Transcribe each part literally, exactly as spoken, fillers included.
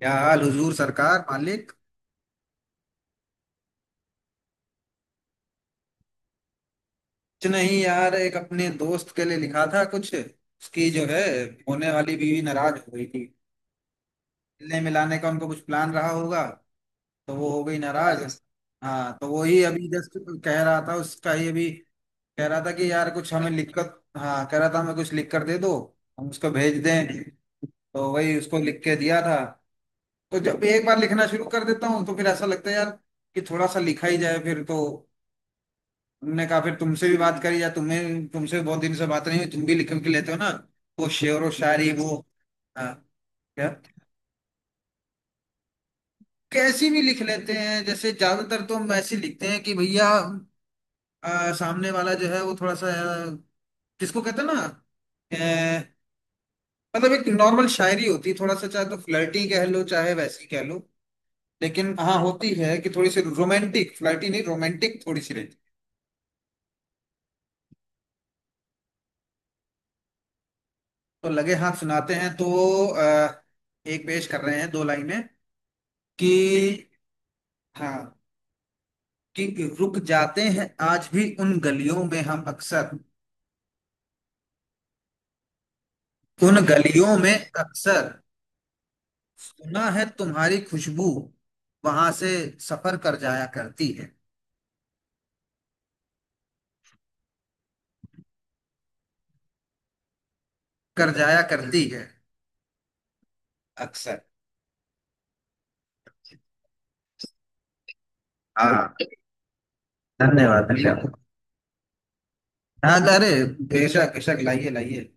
क्या हाल हुजूर सरकार मालिक। कुछ नहीं यार, एक अपने दोस्त के लिए लिखा था कुछ, उसकी जो है होने वाली बीवी नाराज हो गई थी। मिलने मिलाने का उनको कुछ प्लान रहा होगा, तो वो हो गई नाराज। अच्छा हाँ, तो वही अभी जस्ट कह रहा था उसका ही। अभी कह रहा था कि यार कुछ हमें लिखकर। हाँ, कह रहा था हमें कुछ लिख कर दे दो, हम उसको भेज दें। तो वही उसको लिख के दिया था। तो जब एक बार लिखना शुरू कर देता हूँ, तो फिर ऐसा लगता है यार कि थोड़ा सा लिखा ही जाए फिर। तो हमने कहा फिर तुमसे भी बात करी, या तुम्हें तुमसे भी बहुत दिन से बात नहीं हुई। तुम भी लिख के लेते हो ना, वो शेर व शायरी वो। हाँ। क्या? कैसी भी लिख लेते हैं। जैसे ज्यादातर तो हम ऐसे लिखते हैं कि भैया, आ, सामने वाला जो है वो थोड़ा सा, आ, जिसको कहते हैं ना, अ, मतलब एक नॉर्मल शायरी होती है थोड़ा सा। चाहे तो फ्लर्टी कह लो, चाहे वैसी कह लो, लेकिन हाँ, होती है कि थोड़ी सी रोमांटिक। फ्लर्टी नहीं, रोमांटिक थोड़ी सी रहती। तो लगे हाथ सुनाते हैं तो, आ, एक पेश कर रहे हैं दो लाइनें कि। हाँ, कि रुक जाते हैं आज भी उन गलियों में हम अक्सर। उन गलियों में अक्सर। सुना है तुम्हारी खुशबू वहां से सफर कर जाया करती है। कर जाया करती है। अक्सर। हाँ। धन्यवाद धन्यवाद। हाँ अरे, बेशक बेशक, लाइए लाइए।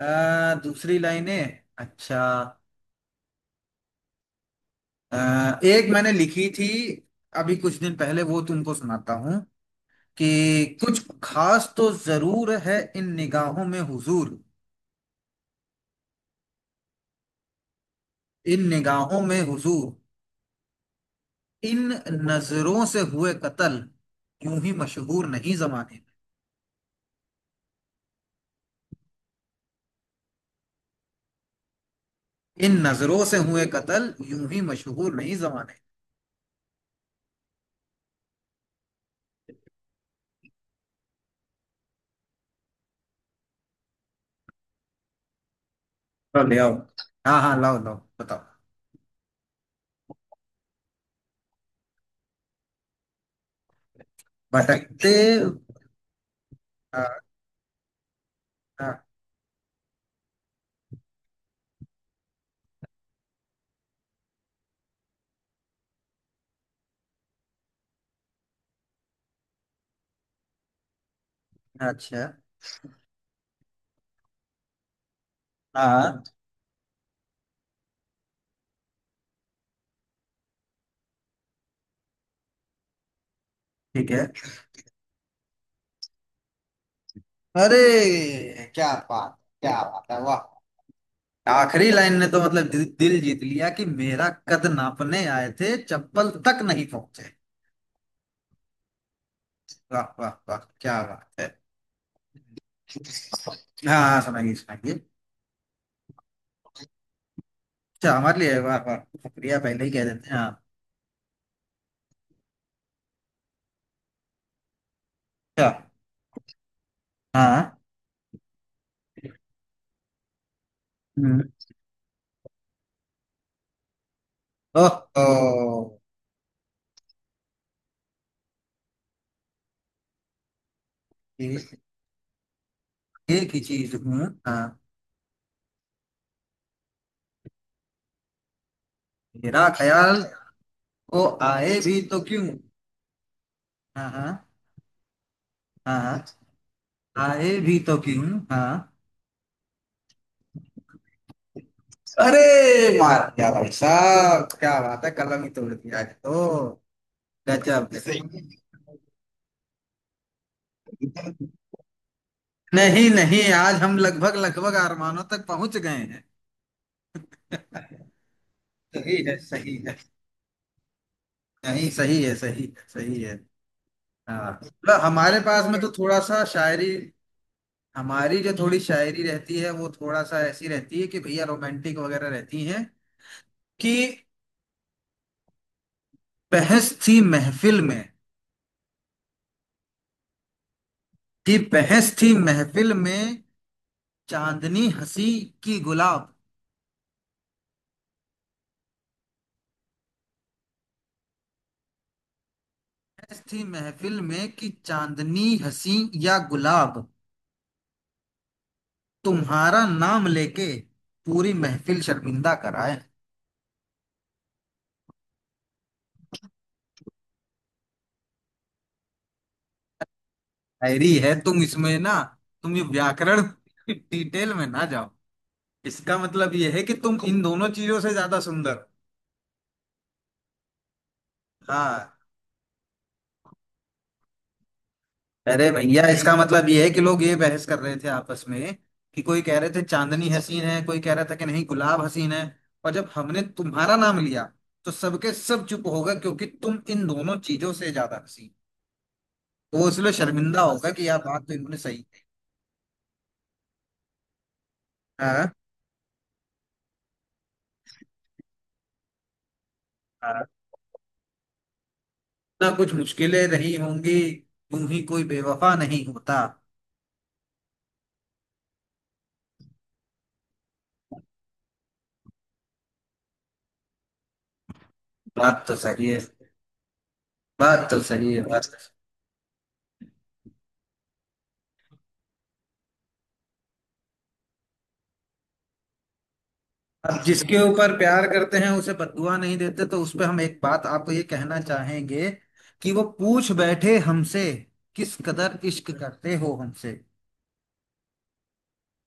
अ, दूसरी लाइनें अच्छा। अ, एक मैंने लिखी थी अभी कुछ दिन पहले, वो तुमको सुनाता हूँ कि, कुछ खास तो जरूर है इन निगाहों में हुजूर। इन निगाहों में हुजूर। इन नजरों से हुए कत्ल यूं ही मशहूर नहीं जमाने। इन नजरों से हुए कत्ल यूं ही मशहूर नहीं जमाने। चलो ले आओ। हाँ हाँ, लाओ लाओ बताओ। भटकते। हाँ, हाँ, अच्छा। हाँ, ठीक है। अरे क्या बात, क्या बात है, वाह। आखिरी लाइन ने तो मतलब दिल, दिल जीत लिया कि मेरा कद नापने आए थे चप्पल तक नहीं पहुंचे। वाह वाह वाह, क्या बात है। हाँ हाँ, सुनाइए सुनाइए। अच्छा, हमारे लिए, वाह वाह। शुक्रिया पहले ही कह देते हैं हाँ। अच्छा। हाँ। हम्म। ओहो। ये एक ही चीज हूँ हाँ। मेरा ख्याल। ओ। आए भी तो क्यों? हाँ हाँ। हाँ, आए भी तो क्यों? हाँ। अरे मार दिया भाई साहब, क्या बात है, कलम ही तोड़ दिया आज तो। गजब, सही। नहीं नहीं, आज हम लगभग लगभग आरमानों तक पहुंच गए हैं। सही है सही है। नहीं, सही है सही है सही है। हाँ मतलब हमारे पास में तो थोड़ा सा शायरी, हमारी जो थोड़ी शायरी रहती है, वो थोड़ा सा ऐसी रहती है कि भैया रोमांटिक वगैरह रहती है कि, बहस थी महफिल में। कि बहस थी महफिल में, चांदनी हंसी की गुलाब। बहस थी महफिल में कि चांदनी हंसी या गुलाब। तुम्हारा नाम लेके पूरी महफिल शर्मिंदा कराए। शायरी है, तुम इसमें ना, तुम ये व्याकरण डिटेल में ना जाओ। इसका मतलब ये है कि तुम इन दोनों चीजों से ज्यादा सुंदर। हाँ, अरे भैया इसका मतलब ये है कि लोग ये बहस कर रहे थे आपस में कि, कोई कह रहे थे चांदनी हसीन है, कोई कह रहा था कि नहीं गुलाब हसीन है। और जब हमने तुम्हारा नाम लिया, तो सबके सब चुप होगा क्योंकि तुम इन दोनों चीजों से ज्यादा हसीन हो। वो इसलिए शर्मिंदा होगा कि यार बात तो इन्होंने सही है। हाँ हाँ। ना कुछ मुश्किलें रही होंगी, तुम ही कोई बेवफा नहीं होता। बात तो सही है, बात तो सही है बात। अब जिसके ऊपर प्यार करते हैं उसे बददुआ नहीं देते, तो उस पे हम एक बात आपको ये कहना चाहेंगे कि, वो पूछ बैठे हमसे किस कदर इश्क करते हो हमसे।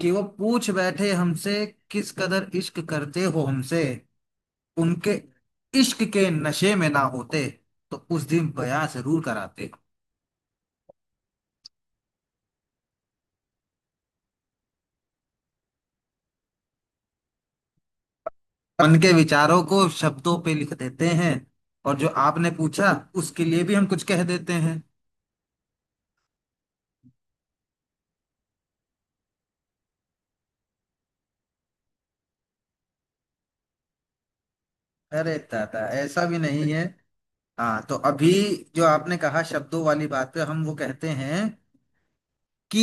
कि वो पूछ बैठे हमसे किस कदर इश्क करते हो हमसे। उनके इश्क के नशे में ना होते तो उस दिन बयां जरूर कराते। उनके विचारों को शब्दों पे लिख देते हैं। और जो आपने पूछा उसके लिए भी हम कुछ कह देते हैं। अरे दादा, ऐसा भी नहीं है। हाँ, तो अभी जो आपने कहा शब्दों वाली बात पे हम वो कहते हैं कि,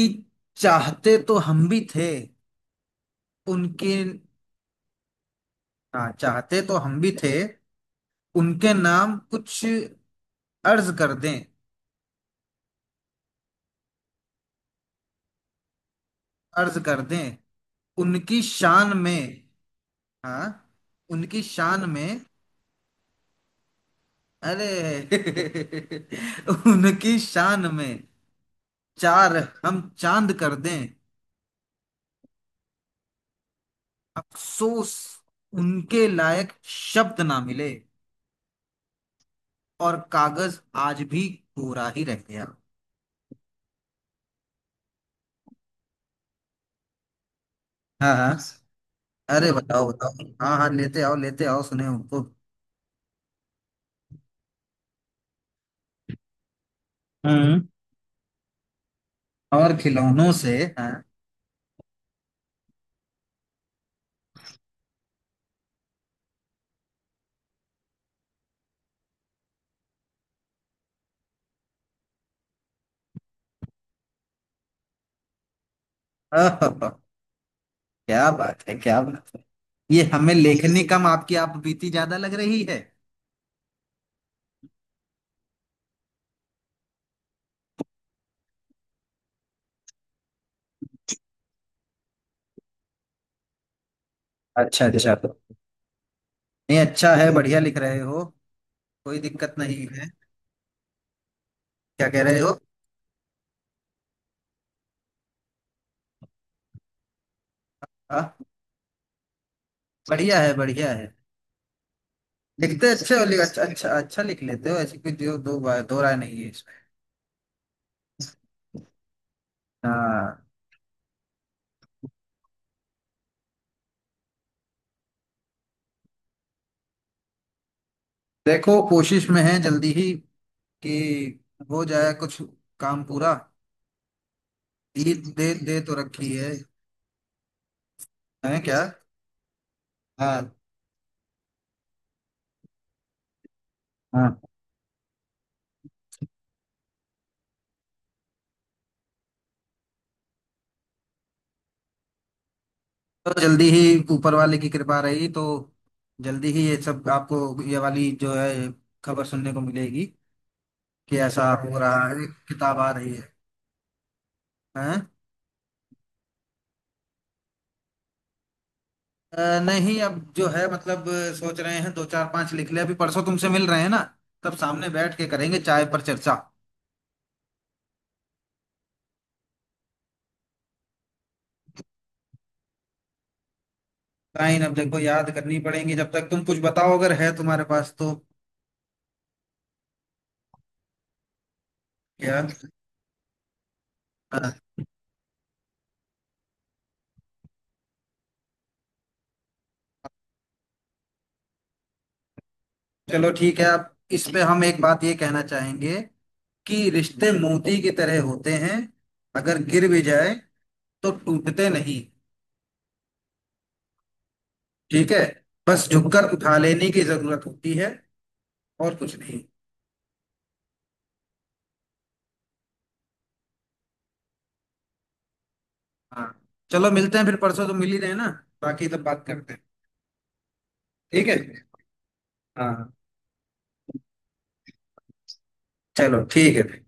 चाहते तो हम भी थे। उनके। हाँ, चाहते तो हम भी थे उनके नाम कुछ अर्ज कर दें। अर्ज कर दें उनकी शान में। हाँ, उनकी शान में। अरे उनकी शान में चार, हम चांद कर दें। अफसोस उनके लायक शब्द ना मिले, और कागज आज भी कोरा ही रह गया। हाँ हाँ। अरे बताओ बताओ, हाँ हाँ, लेते आओ लेते आओ, सुने उनको। हम्म। और खिलौनों से, हाँ। ओहो, क्या बात है, क्या बात है। ये हमें लेखनी कम, आपकी आप बीती ज्यादा लग रही है। अच्छा अच्छा। नहीं, अच्छा है, बढ़िया लिख रहे हो, कोई दिक्कत नहीं है। क्या कह रहे हो? हाँ, बढ़िया है बढ़िया है। लिखते अच्छे हो, लि- अच्छा अच्छा अच्छा, लिख लेते हो, ऐसी कोई दो दो, बार- दो राय नहीं है इसमें। हाँ। देखो, कोशिश में है जल्दी ही कि हो जाए कुछ काम पूरा। ईद दे दे तो रखी है। है क्या? हाँ। हाँ, तो जल्दी ही, ऊपर वाले की कृपा रही तो जल्दी ही ये सब आपको, ये वाली जो है खबर सुनने को मिलेगी कि ऐसा हो रहा है, किताब आ रही है। हैं? अ, नहीं, अब जो है मतलब अ, सोच रहे हैं दो चार पांच लिख ले। अभी परसों तुमसे मिल रहे हैं ना, तब सामने बैठ के करेंगे चाय पर चर्चा। लाइन अब देखो याद करनी पड़ेंगी, जब तक तुम कुछ बताओ अगर है तुम्हारे पास तो। क्या? चलो ठीक है, अब इसमें हम एक बात ये कहना चाहेंगे कि रिश्ते मोती की तरह होते हैं। अगर गिर भी जाए तो टूटते नहीं। ठीक है, बस झुककर उठा लेने की जरूरत होती है, और कुछ नहीं। हाँ, चलो मिलते हैं, फिर परसों तो मिल ही रहे हैं ना, बाकी तब बात करते हैं। ठीक है। हाँ, चलो ठीक है।